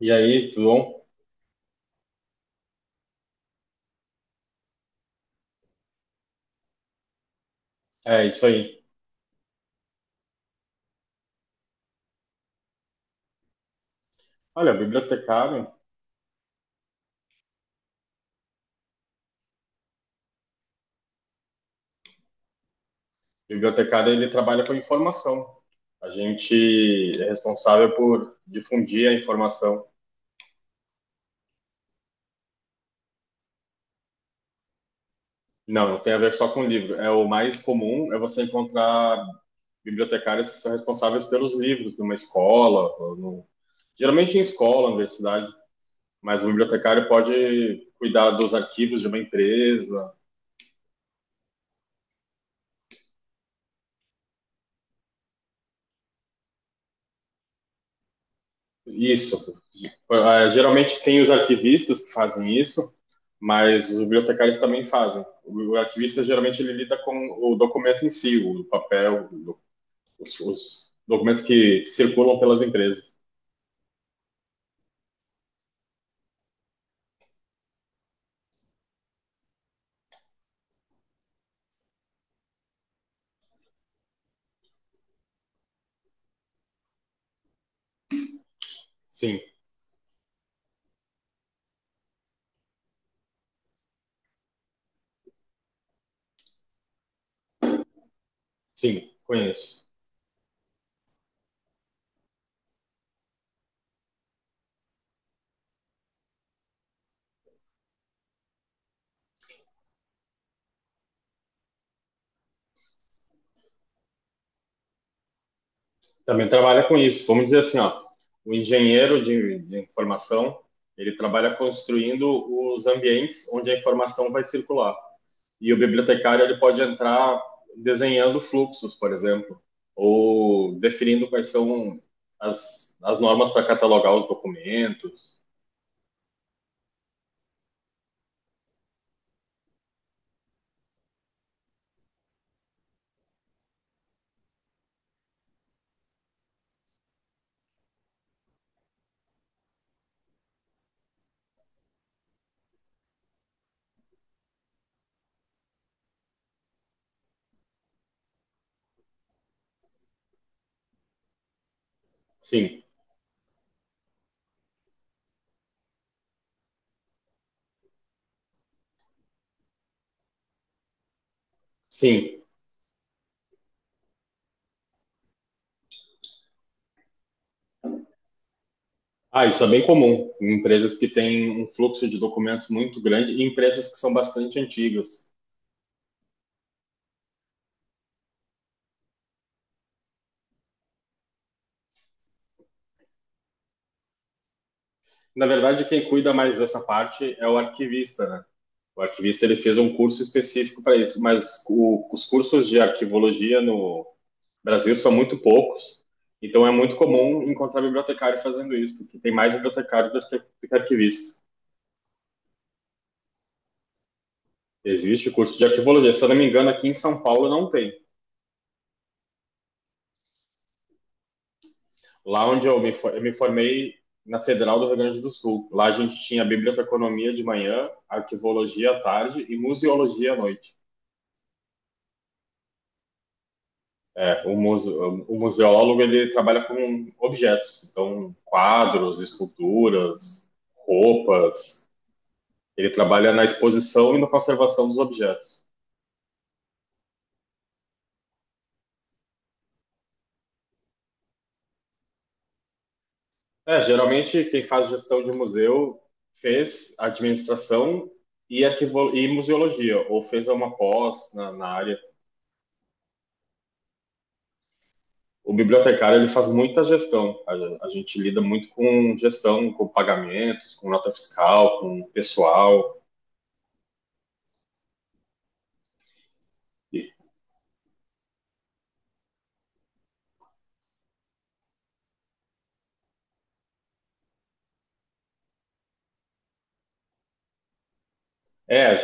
E aí, tudo bom? É isso aí. Olha, o bibliotecário ele trabalha com informação. A gente é responsável por difundir a informação. Não, não tem a ver só com livro. O mais comum é você encontrar bibliotecários que são responsáveis pelos livros numa escola, ou no- geralmente em escola, universidade, mas o bibliotecário pode cuidar dos arquivos de uma empresa. Isso. Ah, geralmente tem os arquivistas que fazem isso, mas os bibliotecários também fazem. O arquivista geralmente ele lida com o documento em si, o papel, os documentos que circulam pelas empresas. Sim, sim, conheço. Também trabalha com isso. Vamos dizer assim, ó, o engenheiro de informação ele trabalha construindo os ambientes onde a informação vai circular. E o bibliotecário ele pode entrar desenhando fluxos, por exemplo, ou definindo quais são as normas para catalogar os documentos. Sim, sim. Ah, isso é bem comum em empresas que têm um fluxo de documentos muito grande e empresas que são bastante antigas. Na verdade, quem cuida mais dessa parte é o arquivista, né? O arquivista ele fez um curso específico para isso, mas os cursos de arquivologia no Brasil são muito poucos, então é muito comum encontrar bibliotecário fazendo isso, porque tem mais bibliotecário do que, do arquivista. Existe o curso de arquivologia, se eu não me engano, aqui em São Paulo não tem. Lá onde eu me formei na Federal do Rio Grande do Sul, lá a gente tinha biblioteconomia de manhã, arquivologia à tarde e museologia à noite. É, o museólogo ele trabalha com objetos, então quadros, esculturas, roupas. Ele trabalha na exposição e na conservação dos objetos. É, geralmente quem faz gestão de museu fez administração e museologia, ou fez uma pós na área. O bibliotecário ele faz muita gestão. A gente lida muito com gestão, com pagamentos, com nota fiscal, com pessoal. E- É,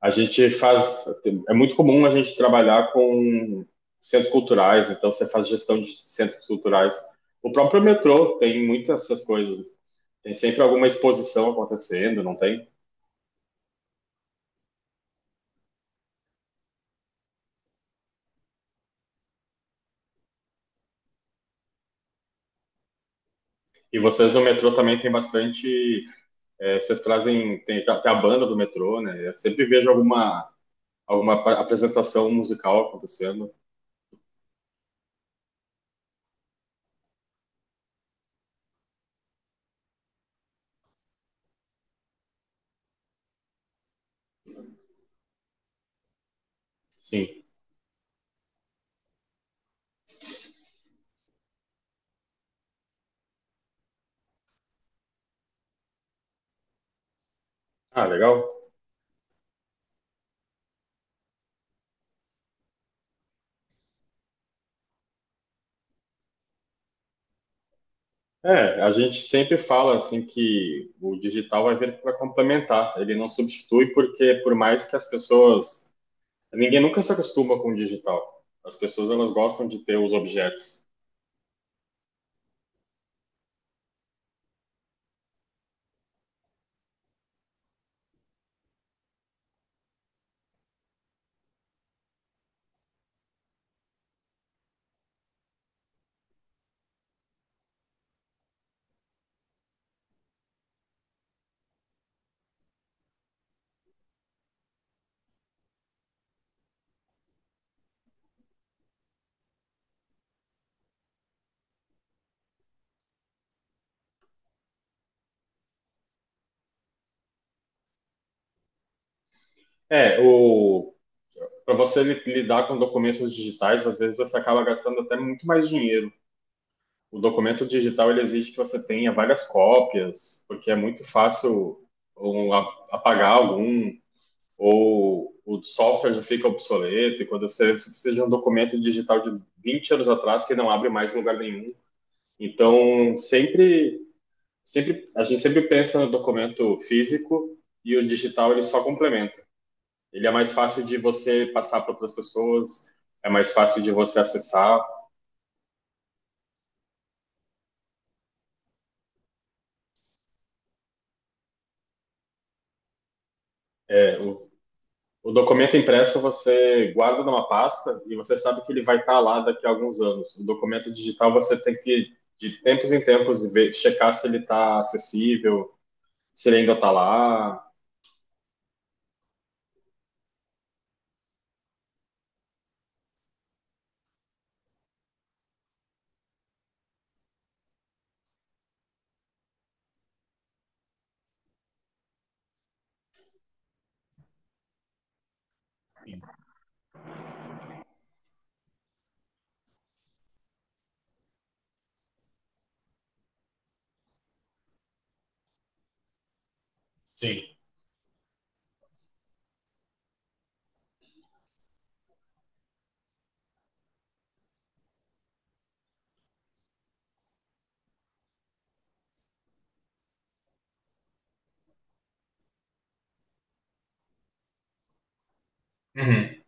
A gente faz, é muito comum a gente trabalhar com centros culturais, então você faz gestão de centros culturais. O próprio metrô tem muitas essas coisas. Tem sempre alguma exposição acontecendo, não tem? E vocês no metrô também tem bastante. É, vocês trazem. Tem até a banda do metrô, né? Eu sempre vejo alguma apresentação musical acontecendo. Sim. Ah, legal. É, a gente sempre fala assim que o digital vai vir para complementar, ele não substitui porque por mais que as pessoas, ninguém nunca se acostuma com o digital. As pessoas elas gostam de ter os objetos. É, o para você li- lidar com documentos digitais, às vezes você acaba gastando até muito mais dinheiro. O documento digital ele exige que você tenha várias cópias, porque é muito fácil apagar algum, ou o software já fica obsoleto, e quando você precisa de um documento digital de 20 anos atrás que não abre mais em lugar nenhum. Então, sempre a gente sempre pensa no documento físico e o digital ele só complementa. Ele é mais fácil de você passar para outras pessoas, é mais fácil de você acessar. É, o O documento impresso você guarda numa pasta e você sabe que ele vai estar lá daqui a alguns anos. O documento digital você tem que, de tempos em tempos, ver, checar se ele está acessível, se ele ainda está lá. Sim. Uhum.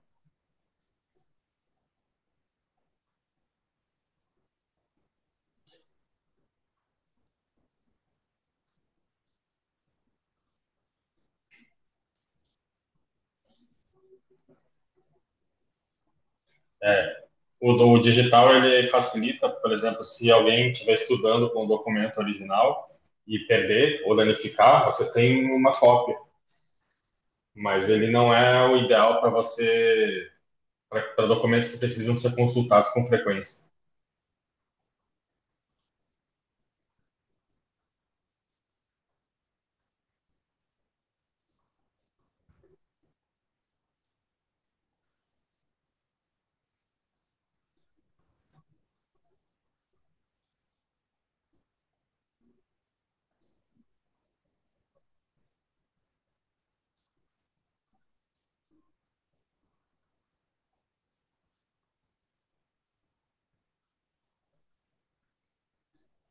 O do digital ele facilita, por exemplo, se alguém estiver estudando com o documento original e perder ou danificar, você tem uma cópia. Mas ele não é o ideal para você, para documentos que precisam ser consultados com frequência.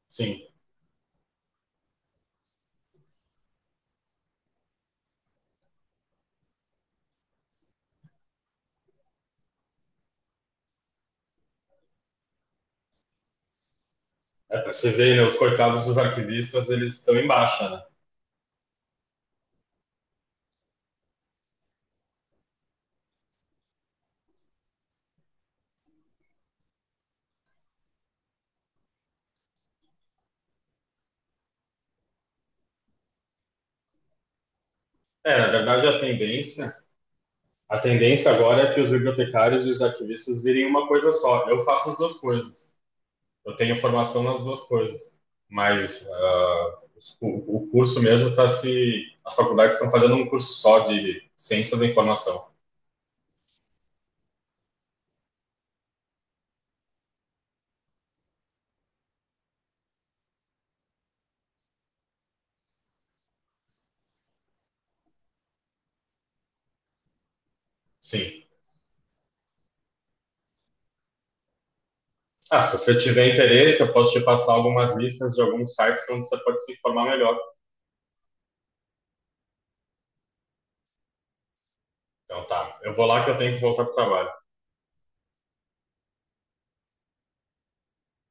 Sim. É, pra você ver, né, os coitados dos arquivistas, eles estão em baixa, né? É, na verdade, a tendência agora é que os bibliotecários e os arquivistas virem uma coisa só. Eu faço as duas coisas. Eu tenho formação nas duas coisas. Mas o curso mesmo está se... As faculdades estão fazendo um curso só de ciência da informação. Sim. Ah, se você tiver interesse, eu posso te passar algumas listas de alguns sites onde você pode se informar melhor. Então tá, eu vou lá que eu tenho que voltar para o trabalho.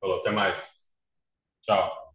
Falou, até mais. Tchau.